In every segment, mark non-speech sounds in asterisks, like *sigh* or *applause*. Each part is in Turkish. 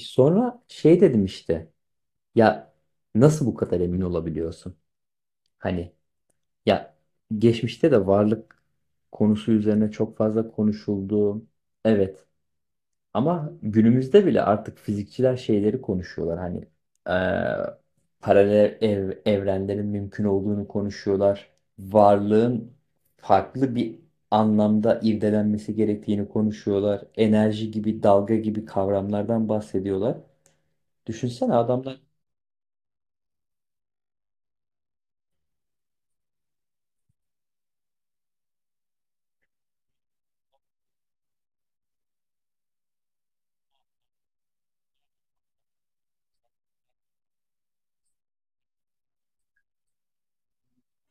Sonra şey dedim işte ya, nasıl bu kadar emin olabiliyorsun? Hani ya, geçmişte de varlık konusu üzerine çok fazla konuşuldu. Evet, ama günümüzde bile artık fizikçiler şeyleri konuşuyorlar. Hani eee, paralel evrenlerin mümkün olduğunu konuşuyorlar. Varlığın farklı bir anlamda irdelenmesi gerektiğini konuşuyorlar. Enerji gibi, dalga gibi kavramlardan bahsediyorlar. Düşünsene adamlar.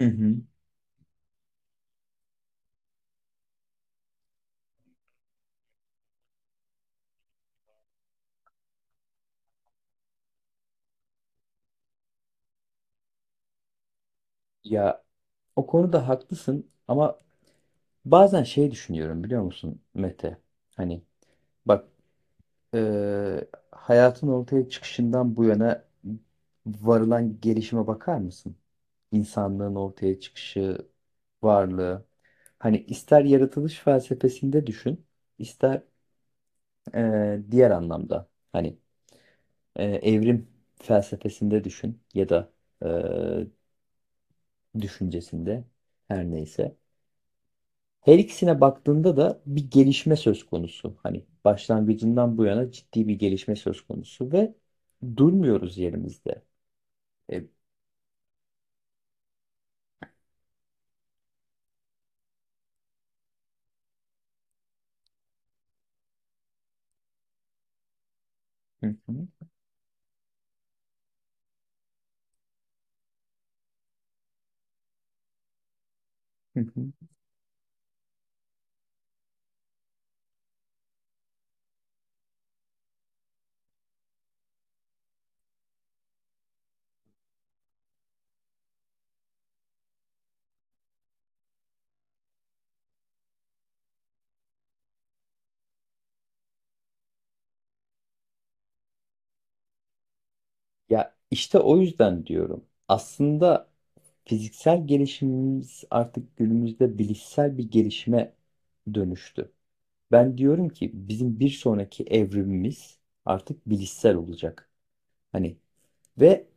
Hı hı. Ya, o konuda haklısın ama bazen şey düşünüyorum biliyor musun Mete? Hani bak, hayatın ortaya çıkışından bu yana varılan gelişime bakar mısın? İnsanlığın ortaya çıkışı, varlığı. Hani ister yaratılış felsefesinde düşün, ister diğer anlamda. Hani evrim felsefesinde düşün ya da eee, düşüncesinde her neyse. Her ikisine baktığında da bir gelişme söz konusu. Hani başlangıcından bu yana ciddi bir gelişme söz konusu ve durmuyoruz yerimizde. E, hı hı, hı hı. Ya işte o yüzden diyorum. Aslında fiziksel gelişimimiz artık günümüzde bilişsel bir gelişime dönüştü. Ben diyorum ki bizim bir sonraki evrimimiz artık bilişsel olacak. Hani ve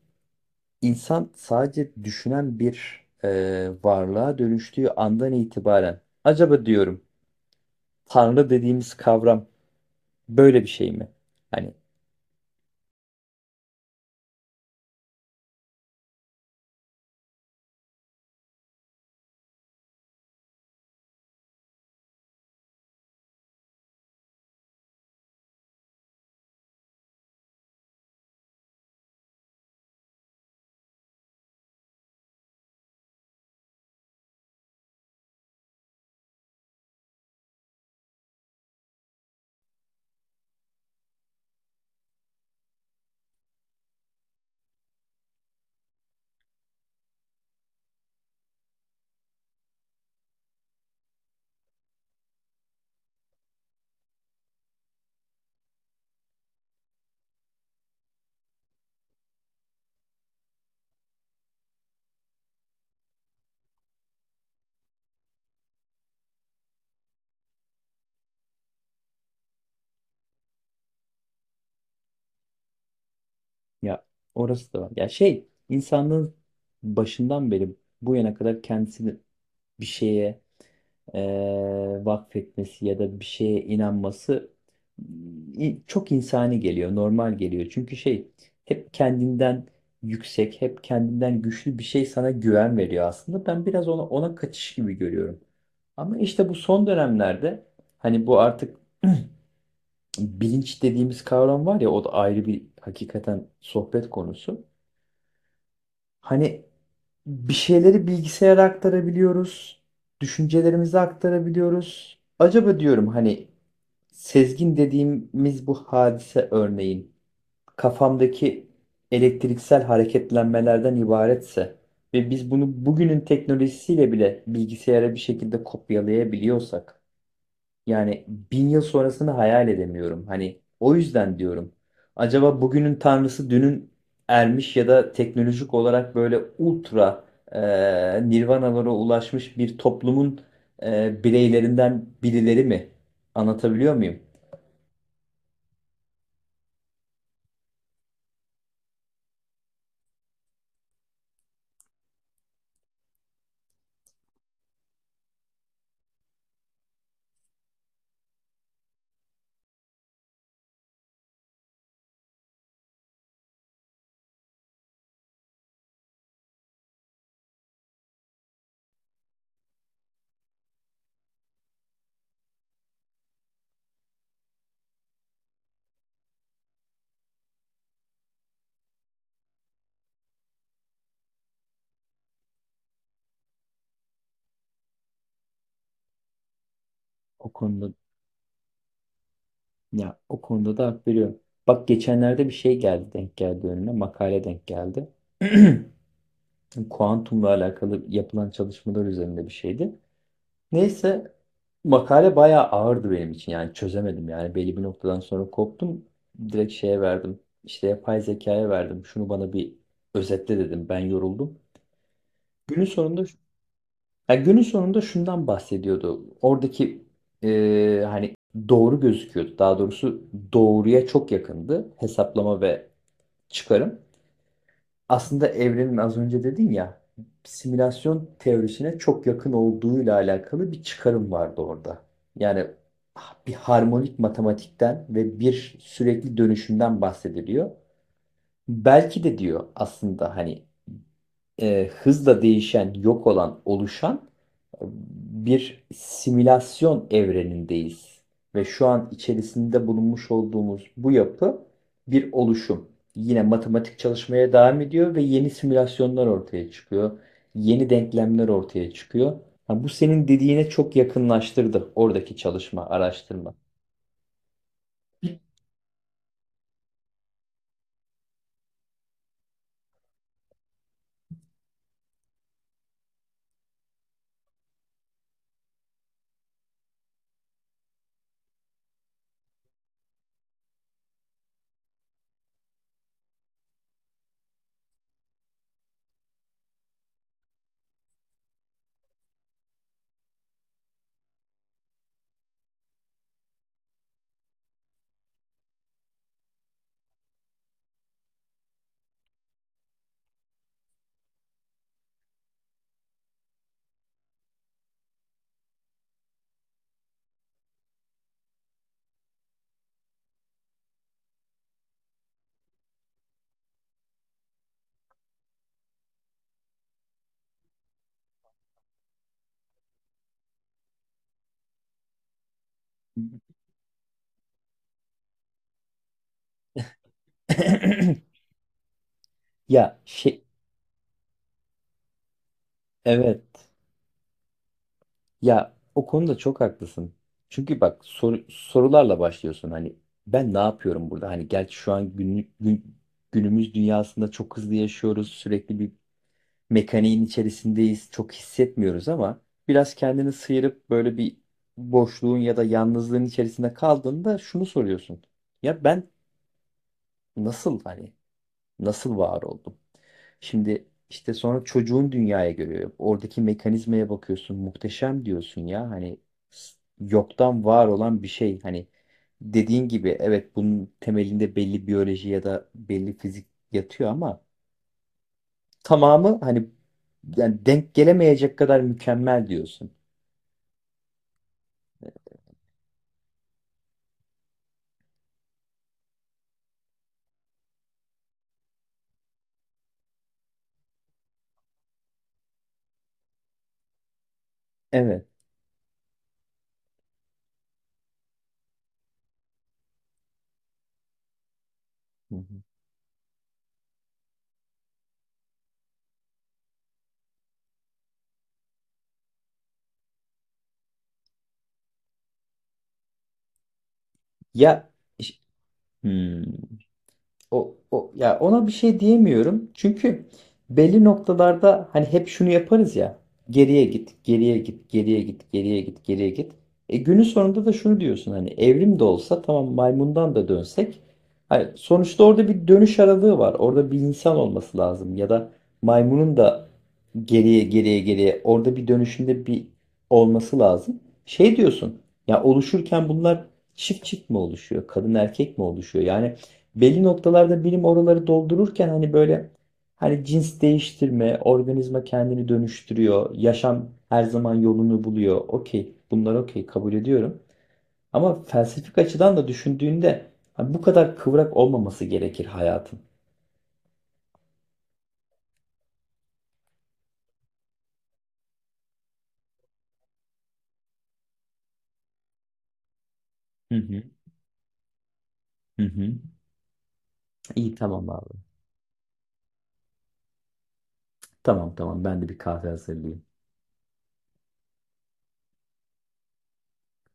İnsan sadece düşünen bir varlığa dönüştüğü andan itibaren acaba diyorum Tanrı dediğimiz kavram böyle bir şey mi? Hani ya, orası da var. Ya şey, insanlığın başından beri bu yana kadar kendisini bir şeye vakfetmesi ya da bir şeye inanması çok insani geliyor, normal geliyor. Çünkü şey, hep kendinden yüksek, hep kendinden güçlü bir şey sana güven veriyor aslında. Ben biraz ona kaçış gibi görüyorum. Ama işte bu son dönemlerde hani bu artık *clears throat* bilinç dediğimiz kavram var ya, o da ayrı bir hakikaten sohbet konusu. Hani bir şeyleri bilgisayara aktarabiliyoruz. Düşüncelerimizi aktarabiliyoruz. Acaba diyorum hani, sezgin dediğimiz bu hadise örneğin kafamdaki elektriksel hareketlenmelerden ibaretse ve biz bunu bugünün teknolojisiyle bile bilgisayara bir şekilde kopyalayabiliyorsak, yani 1.000 yıl sonrasını hayal edemiyorum. Hani o yüzden diyorum. Acaba bugünün tanrısı dünün ermiş ya da teknolojik olarak böyle ultra nirvanalara ulaşmış bir toplumun bireylerinden birileri mi? Anlatabiliyor muyum? O konuda ya o konuda da hak veriyorum. Bak, geçenlerde bir şey geldi, denk geldi önüme, makale denk geldi. *clears throat* Kuantumla alakalı yapılan çalışmalar üzerinde bir şeydi. Neyse, makale bayağı ağırdı benim için, yani çözemedim, yani belli bir noktadan sonra koptum, direkt şeye verdim işte, yapay zekaya verdim, şunu bana bir özetle dedim, ben yoruldum. Günün sonunda Yani günün sonunda şundan bahsediyordu oradaki, hani doğru gözüküyordu, daha doğrusu doğruya çok yakındı hesaplama ve çıkarım. Aslında evrenin, az önce dedin ya, simülasyon teorisine çok yakın olduğuyla alakalı bir çıkarım vardı orada. Yani bir harmonik matematikten ve bir sürekli dönüşümden bahsediliyor. Belki de diyor aslında, hani hızla değişen, yok olan, oluşan bir simülasyon evrenindeyiz. Ve şu an içerisinde bulunmuş olduğumuz bu yapı bir oluşum. Yine matematik çalışmaya devam ediyor ve yeni simülasyonlar ortaya çıkıyor. Yeni denklemler ortaya çıkıyor. Ha, bu senin dediğine çok yakınlaştırdı oradaki çalışma, araştırma. *clears throat* Ya şey, evet. Ya o konuda çok haklısın. Çünkü bak, sorularla başlıyorsun. Hani ben ne yapıyorum burada? Hani gerçi şu an günümüz dünyasında çok hızlı yaşıyoruz. Sürekli bir mekaniğin içerisindeyiz. Çok hissetmiyoruz ama biraz kendini sıyırıp böyle bir boşluğun ya da yalnızlığın içerisinde kaldığında şunu soruyorsun. Ya ben nasıl hani nasıl var oldum? Şimdi işte sonra çocuğun dünyaya görüyor. Oradaki mekanizmaya bakıyorsun. Muhteşem diyorsun ya. Hani yoktan var olan bir şey. Hani dediğin gibi evet, bunun temelinde belli biyoloji ya da belli fizik yatıyor ama tamamı, hani yani, denk gelemeyecek kadar mükemmel diyorsun. Evet. Hı hı. Ya iş- Hmm. Ya ona bir şey diyemiyorum. Çünkü belli noktalarda hani hep şunu yaparız ya. Geriye git, geriye git, geriye git, geriye git, geriye git. Günün sonunda da şunu diyorsun, hani evrim de olsa, tamam maymundan da dönsek. Hani sonuçta orada bir dönüş aralığı var. Orada bir insan olması lazım ya da maymunun da geriye, geriye, geriye, orada bir dönüşünde bir olması lazım. Şey diyorsun ya, oluşurken bunlar çift çift mi oluşuyor? Kadın erkek mi oluşuyor? Yani belli noktalarda bilim oraları doldururken, hani böyle, cins değiştirme, organizma kendini dönüştürüyor, yaşam her zaman yolunu buluyor. Okey, bunlar okey, kabul ediyorum. Ama felsefik açıdan da düşündüğünde hani bu kadar kıvrak olmaması gerekir hayatın. Hı hı, hı hı. İyi, tamam abi. Tamam tamam, ben de bir kahve hazırlayayım.